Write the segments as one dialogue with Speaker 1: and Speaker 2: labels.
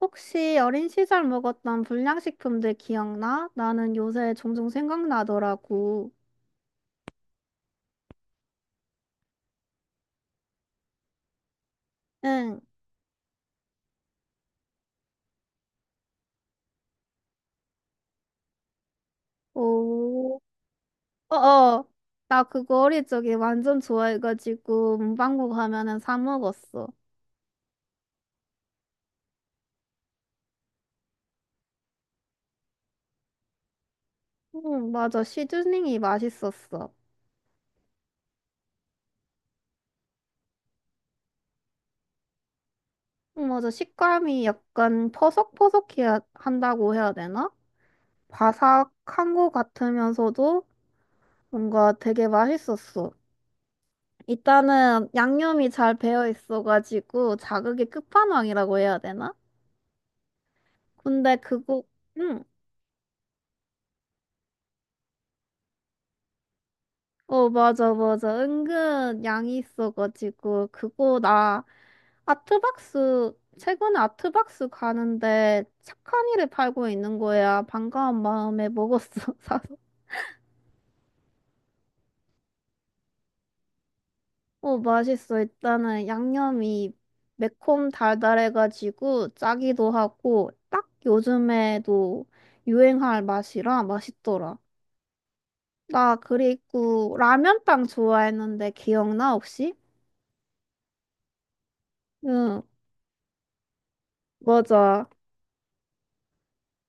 Speaker 1: 혹시 어린 시절 먹었던 불량식품들 기억나? 나는 요새 종종 생각나더라고. 응. 오. 어어. 나 그거 어릴 적에 완전 좋아해가지고 문방구 가면은 사 먹었어. 응, 맞아. 시즈닝이 맛있었어. 응, 맞아. 식감이 약간 퍼석퍼석해야 한다고 해야 되나? 바삭한 거 같으면서도 뭔가 되게 맛있었어. 일단은 양념이 잘 배어 있어가지고 자극의 끝판왕이라고 해야 되나? 근데 그거, 응. 어, 맞아, 맞아. 은근 양이 있어가지고 그거 나 아트박스, 최근에 아트박스 가는데 착한 이를 팔고 있는 거야. 반가운 마음에 먹었어, 사서. 어, 맛있어. 일단은 양념이 매콤 달달해가지고 짜기도 하고 딱 요즘에도 유행할 맛이라 맛있더라. 나 그리고 라면빵 좋아했는데 기억나 혹시? 응, 맞아.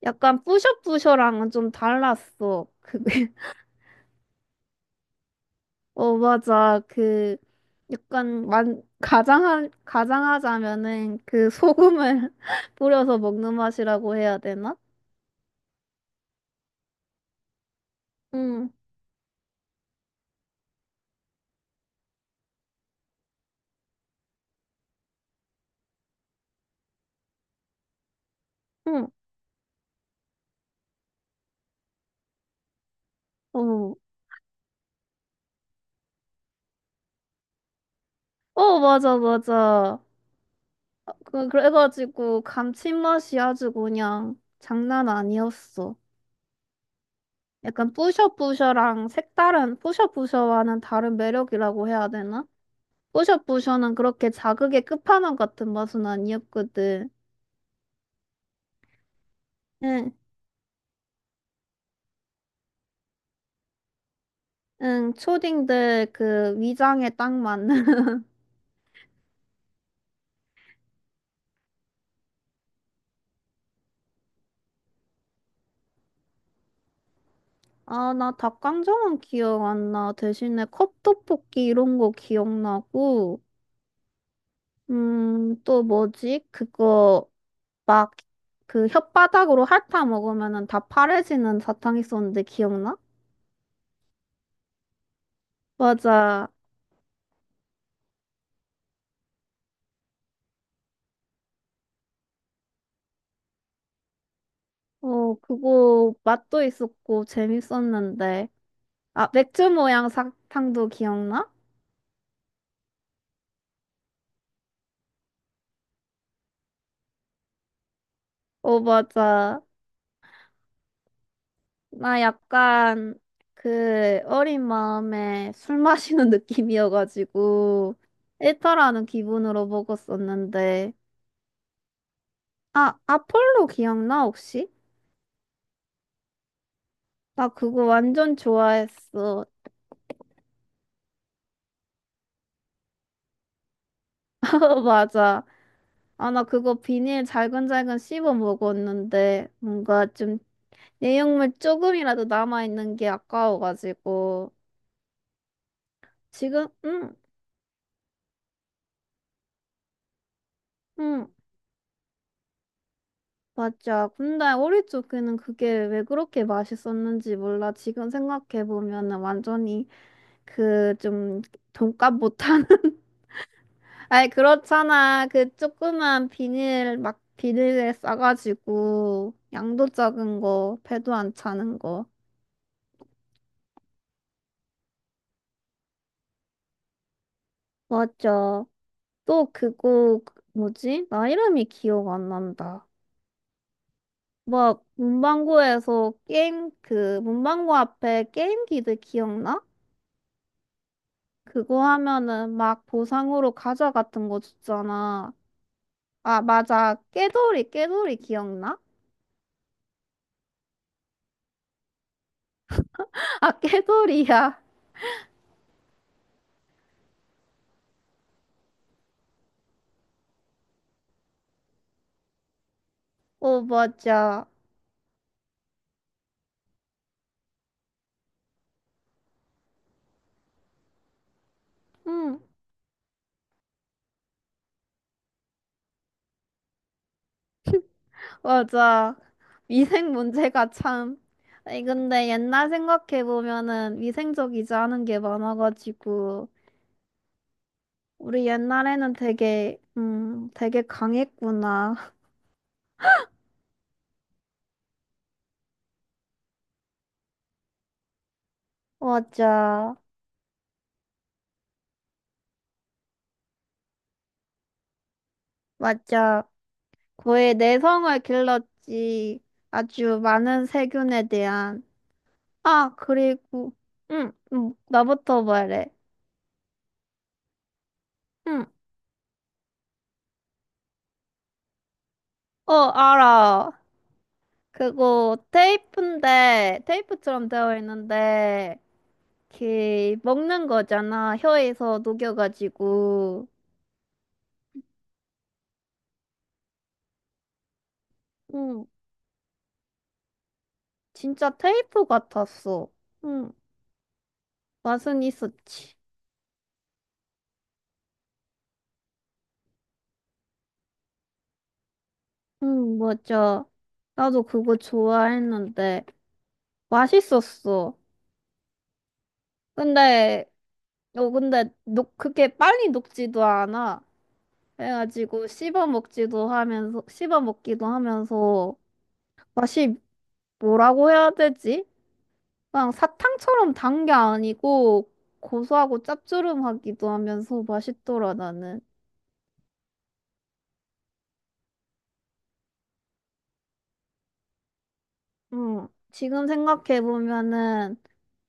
Speaker 1: 약간 뿌셔뿌셔랑은 좀 달랐어. 그게 어 맞아. 그 약간 만 가장한 가장하자면은 그 소금을 뿌려서 먹는 맛이라고 해야 되나? 응, 응, 어, 어 맞아 맞아. 그래가지고 감칠맛이 아주 그냥 장난 아니었어. 약간 뿌셔뿌셔랑 색다른 뿌셔뿌셔와는 다른 매력이라고 해야 되나? 뿌셔뿌셔는 그렇게 자극의 끝판왕 같은 맛은 아니었거든. 응, 응, 초딩들 그 위장에 딱 맞는. 아, 나 닭강정은 기억 안 나. 대신에 컵떡볶이 이런 거 기억나고. 또 뭐지? 그거 막 그 혓바닥으로 핥아 먹으면은 다 파래지는 사탕 있었는데 기억나? 맞아. 어, 그거 맛도 있었고 재밌었는데. 아, 맥주 모양 사탕도 기억나? 어, 맞아. 나 약간 그 어린 마음에 술 마시는 느낌이어가지고 일탈하는 기분으로 먹었었는데. 아, 아폴로 기억나 혹시? 나 그거 완전 좋아했어. 어, 맞아. 아, 나 그거 비닐 잘근잘근 씹어 먹었는데 뭔가 좀 내용물 조금이라도 남아있는 게 아까워가지고. 지금, 응, 응, 맞아. 근데 우리 쪽에는 그게 왜 그렇게 맛있었는지 몰라. 지금 생각해보면은 완전히 그 좀 돈값 못하는. 아니 그렇잖아 그 조그만 비닐 막 비닐에 싸가지고 양도 작은 거 배도 안 차는 거. 맞아. 또 그거 뭐지, 나 이름이 기억 안 난다. 막 문방구에서 게임 그 문방구 앞에 게임기들 기억나? 그거 하면은 막 보상으로 과자 같은 거 줬잖아. 아, 맞아. 깨돌이, 기억나? 아, 깨돌이야. 어, 맞아. 응, 맞아. 위생 문제가 참. 아니, 근데 옛날 생각해보면은 위생적이지 않은 게 많아가지고, 우리 옛날에는 되게, 되게 강했구나. 맞아. 맞아. 그의 내성을 길렀지. 아주 많은 세균에 대한. 아, 그리고, 응, 응, 나부터 말해. 응, 어, 알아. 그거 테이프인데, 테이프처럼 되어 있는데, 그, 먹는 거잖아. 혀에서 녹여가지고. 응, 진짜 테이프 같았어. 응, 맛은 있었지. 응, 맞아. 나도 그거 좋아했는데, 맛있었어. 근데 어 근데 녹 그게 빨리 녹지도 않아. 그래가지고 씹어 먹기도 하면서 맛이 뭐라고 해야 되지? 그냥 사탕처럼 단 게 아니고 고소하고 짭조름하기도 하면서 맛있더라 나는. 응, 지금 생각해 보면은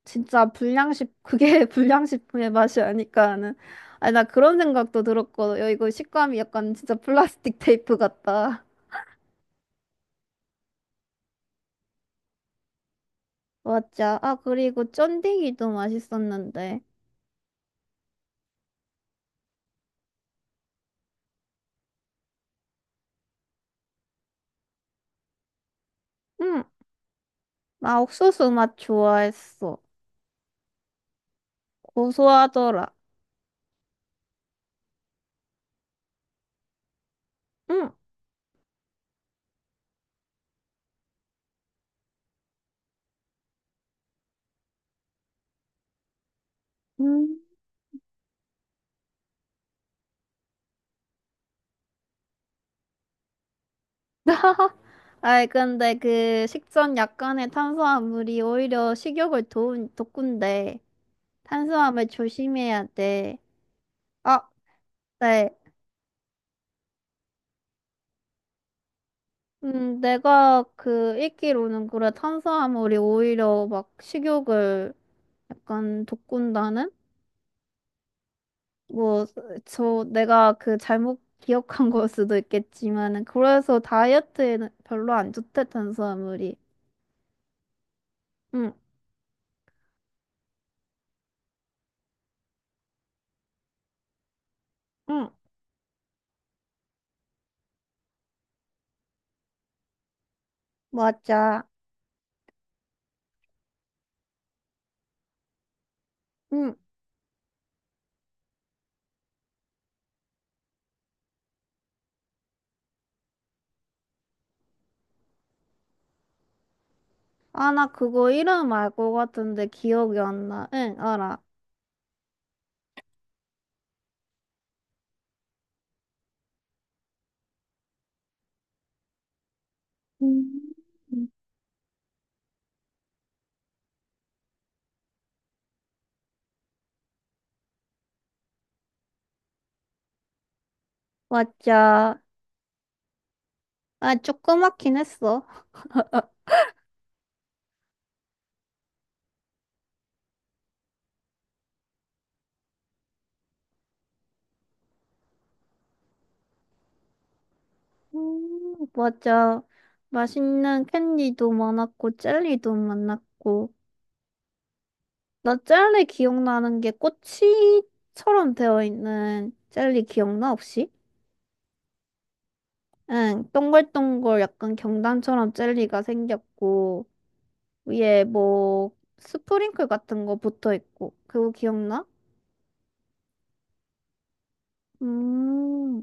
Speaker 1: 진짜 불량식 그게 불량식품의 맛이 아닐까 하는. 아니 나 그런 생각도 들었거든. 야, 이거 식감이 약간 진짜 플라스틱 테이프 같다. 맞아. 아, 그리고 쫀디기도 맛있었는데. 응, 나 옥수수 맛 좋아했어. 고소하더라. 응. 음. 아이, 근데 그 식전 약간의 탄수화물이 오히려 식욕을 돋군데. 탄수화물 조심해야 돼. 아, 네. 내가 그 읽기로는 그래. 탄수화물이 오히려 막 식욕을 약간 돋군다는? 뭐, 내가 그 잘못 기억한 걸 수도 있겠지만은, 그래서 다이어트에는 별로 안 좋대, 탄수화물이. 응, 응, 맞아. 응. 아, 나 그거 이름 알 것 같은데 기억이 안 나. 응, 알아. 음. 맞아. 아, 조그맣긴 했어. 맞아. 맛있는 캔디도 많았고, 젤리도 많았고. 나 젤리 기억나는 게 꼬치처럼 되어 있는 젤리 기억나 혹시? 응, 동글동글 약간 경단처럼 젤리가 생겼고 위에 뭐 스프링클 같은 거 붙어 있고 그거 기억나? 음,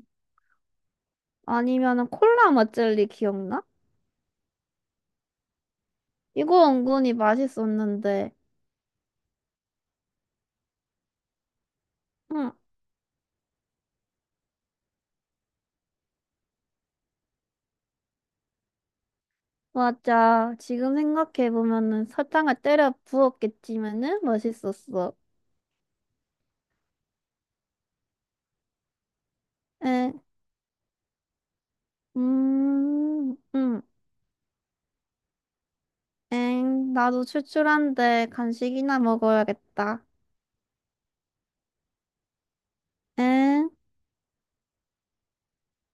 Speaker 1: 아니면은 콜라 맛 젤리 기억나? 이거 은근히 맛있었는데. 응, 맞아. 지금 생각해 보면은 설탕을 때려 부었겠지만은 맛있었어. 응, 응. 엥, 나도 출출한데 간식이나 먹어야겠다. 엥?